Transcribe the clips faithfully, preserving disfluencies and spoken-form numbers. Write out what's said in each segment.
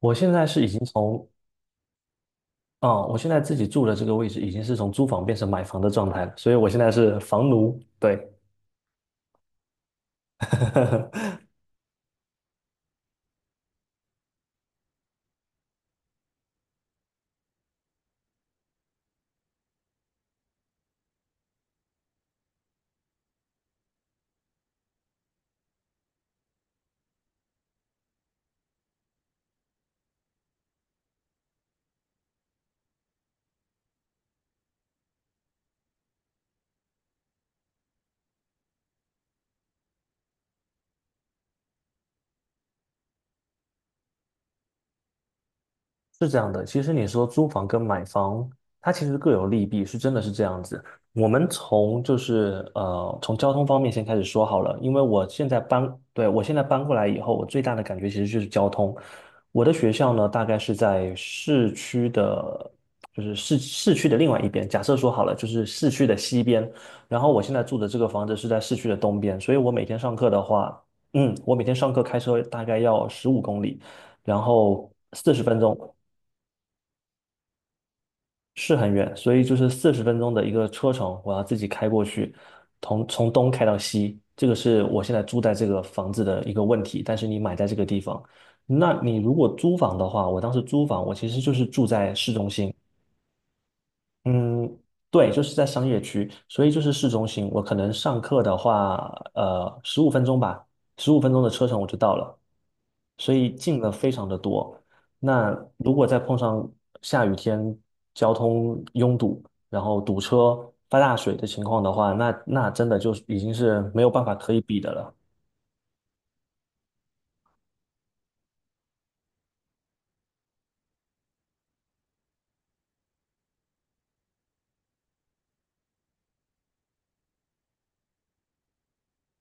我现在是已经从，啊，我现在自己住的这个位置已经是从租房变成买房的状态了，所以我现在是房奴，对，是这样的，其实你说租房跟买房，它其实各有利弊，是真的是这样子。我们从就是呃，从交通方面先开始说好了，因为我现在搬，对，我现在搬过来以后，我最大的感觉其实就是交通。我的学校呢，大概是在市区的，就是市市区的另外一边。假设说好了，就是市区的西边，然后我现在住的这个房子是在市区的东边，所以我每天上课的话，嗯，我每天上课开车大概要十五公里，然后四十分钟。是很远，所以就是四十分钟的一个车程，我要自己开过去，从从东开到西，这个是我现在住在这个房子的一个问题。但是你买在这个地方，那你如果租房的话，我当时租房，我其实就是住在市中心，嗯，对，就是在商业区，所以就是市中心。我可能上课的话，呃，十五分钟吧，十五分钟的车程我就到了，所以近了非常的多。那如果再碰上下雨天，交通拥堵，然后堵车、发大水的情况的话，那那真的就已经是没有办法可以比的了。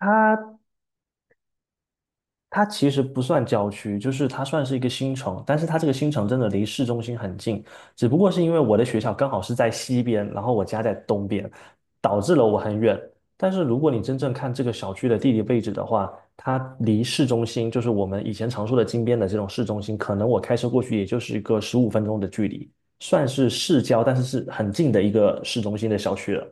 它它其实不算郊区，就是它算是一个新城，但是它这个新城真的离市中心很近，只不过是因为我的学校刚好是在西边，然后我家在东边，导致了我很远。但是如果你真正看这个小区的地理位置的话，它离市中心，就是我们以前常说的金边的这种市中心，可能我开车过去也就是一个十五分钟的距离，算是市郊，但是是很近的一个市中心的小区了。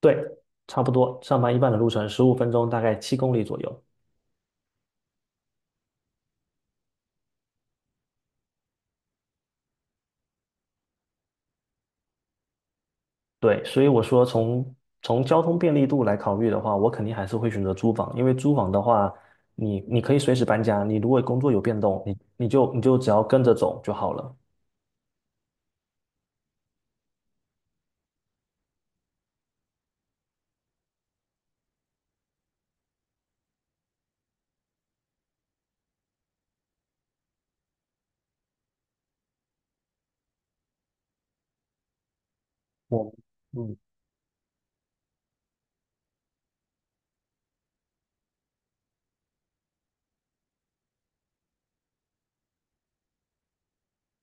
对，差不多，上班一半的路程，十五分钟，大概七公里左右。对，所以我说从从交通便利度来考虑的话，我肯定还是会选择租房，因为租房的话，你你可以随时搬家，你如果工作有变动，你你就你就只要跟着走就好了。我，嗯，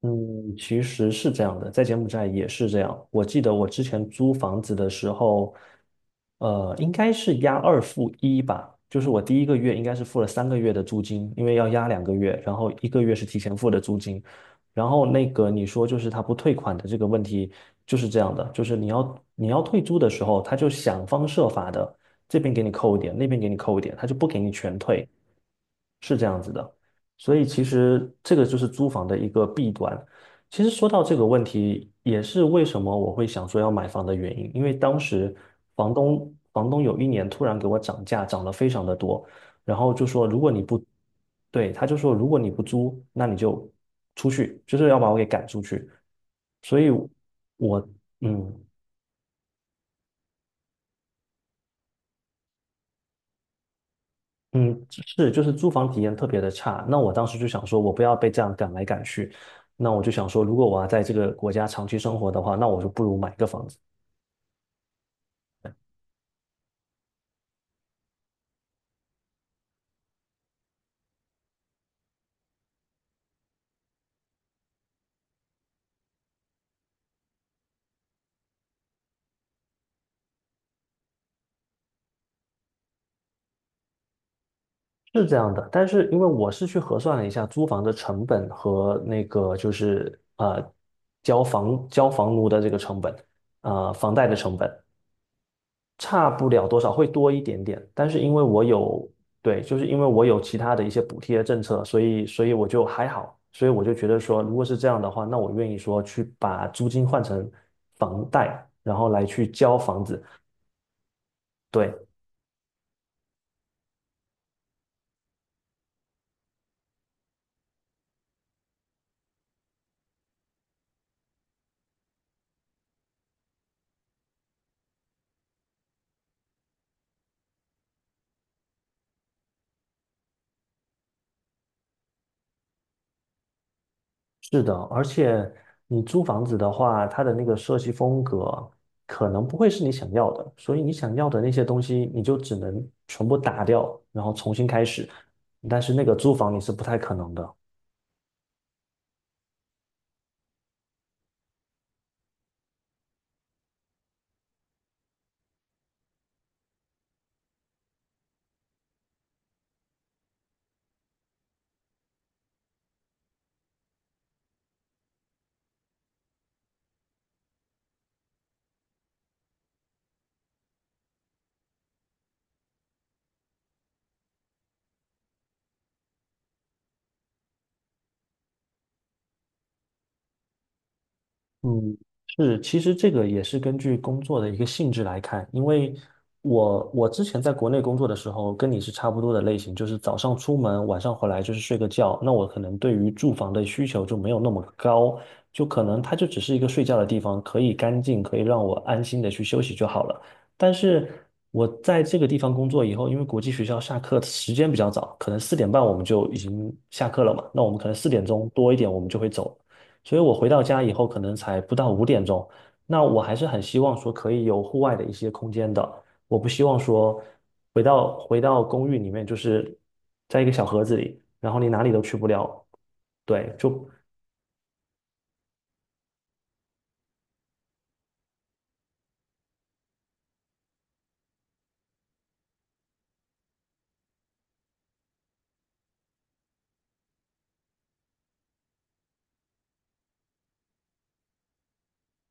嗯，其实是这样的，在柬埔寨也是这样。我记得我之前租房子的时候，呃，应该是押二付一吧，就是我第一个月应该是付了三个月的租金，因为要押两个月，然后一个月是提前付的租金。然后那个你说就是他不退款的这个问题就是这样的，就是你要你要退租的时候，他就想方设法的这边给你扣一点，那边给你扣一点，他就不给你全退。是这样子的，所以其实这个就是租房的一个弊端。其实说到这个问题，也是为什么我会想说要买房的原因，因为当时房东房东有一年突然给我涨价，涨了非常的多，然后就说如果你不，对，他就说如果你不租，那你就出去，就是要把我给赶出去。所以我，嗯。嗯，是，就是租房体验特别的差。那我当时就想说，我不要被这样赶来赶去。那我就想说，如果我要在这个国家长期生活的话，那我就不如买个房子，是这样的。但是因为我是去核算了一下租房的成本和那个就是呃交房交房奴的这个成本，呃房贷的成本。差不了多少，会多一点点。但是因为我有，对，就是因为我有其他的一些补贴政策，所以所以我就还好，所以我就觉得说，如果是这样的话，那我愿意说去把租金换成房贷，然后来去交房子。对，是的，而且你租房子的话，它的那个设计风格可能不会是你想要的，所以你想要的那些东西，你就只能全部打掉，然后重新开始。但是那个租房你是不太可能的。嗯，是，其实这个也是根据工作的一个性质来看，因为我我之前在国内工作的时候，跟你是差不多的类型，就是早上出门，晚上回来就是睡个觉。那我可能对于住房的需求就没有那么高，就可能它就只是一个睡觉的地方，可以干净，可以让我安心的去休息就好了。但是我在这个地方工作以后，因为国际学校下课时间比较早，可能四点半我们就已经下课了嘛，那我们可能四点钟多一点我们就会走。所以我回到家以后可能才不到五点钟。那我还是很希望说可以有户外的一些空间的，我不希望说回到回到公寓里面就是在一个小盒子里，然后你哪里都去不了。对，就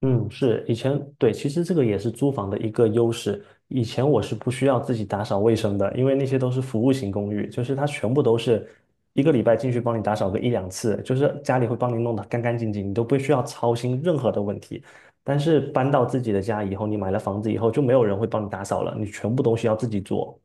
嗯，是，以前，对，其实这个也是租房的一个优势。以前我是不需要自己打扫卫生的，因为那些都是服务型公寓，就是它全部都是一个礼拜进去帮你打扫个一两次，就是家里会帮你弄得干干净净，你都不需要操心任何的问题。但是搬到自己的家以后，你买了房子以后，就没有人会帮你打扫了，你全部东西要自己做。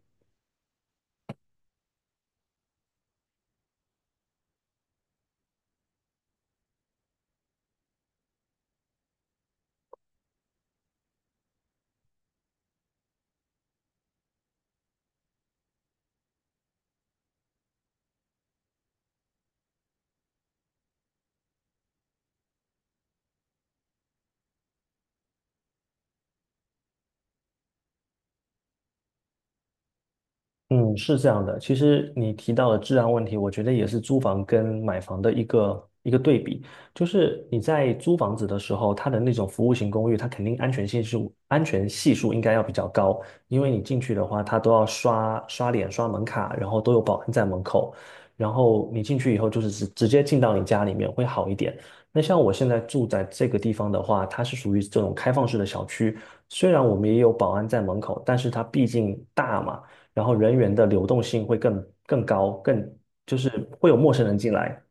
嗯，是这样的。其实你提到的治安问题，我觉得也是租房跟买房的一个一个对比。就是你在租房子的时候，它的那种服务型公寓，它肯定安全系数安全系数应该要比较高，因为你进去的话，它都要刷刷脸、刷门卡，然后都有保安在门口，然后你进去以后就是直直接进到你家里面会好一点。那像我现在住在这个地方的话，它是属于这种开放式的小区，虽然我们也有保安在门口，但是它毕竟大嘛。然后人员的流动性会更更高，更就是会有陌生人进来。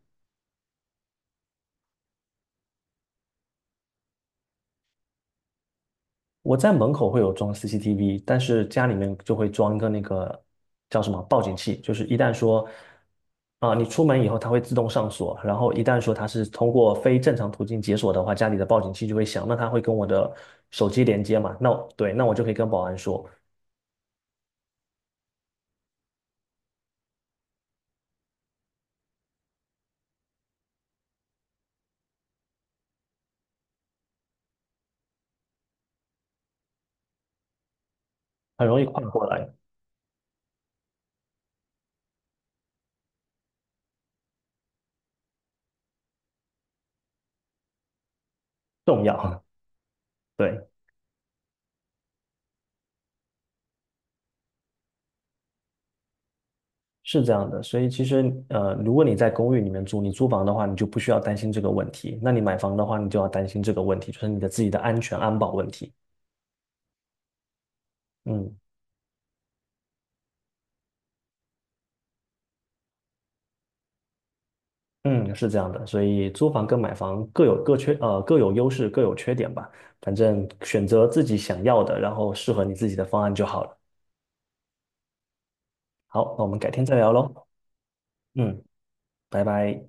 我在门口会有装 C C T V，但是家里面就会装一个那个叫什么报警器，就是一旦说啊、你出门以后它会自动上锁，然后一旦说它是通过非正常途径解锁的话，家里的报警器就会响，那它会跟我的手机连接嘛？那对，那我就可以跟保安说，很容易跨过来，重要，对。是这样的，所以其实呃，如果你在公寓里面住，你租房的话，你就不需要担心这个问题；那你买房的话，你就要担心这个问题，就是你的自己的安全安保问题。嗯嗯，是这样的，所以租房跟买房各有各缺，呃，各有优势，各有缺点吧。反正选择自己想要的，然后适合你自己的方案就好了。好，那我们改天再聊喽。嗯，拜拜。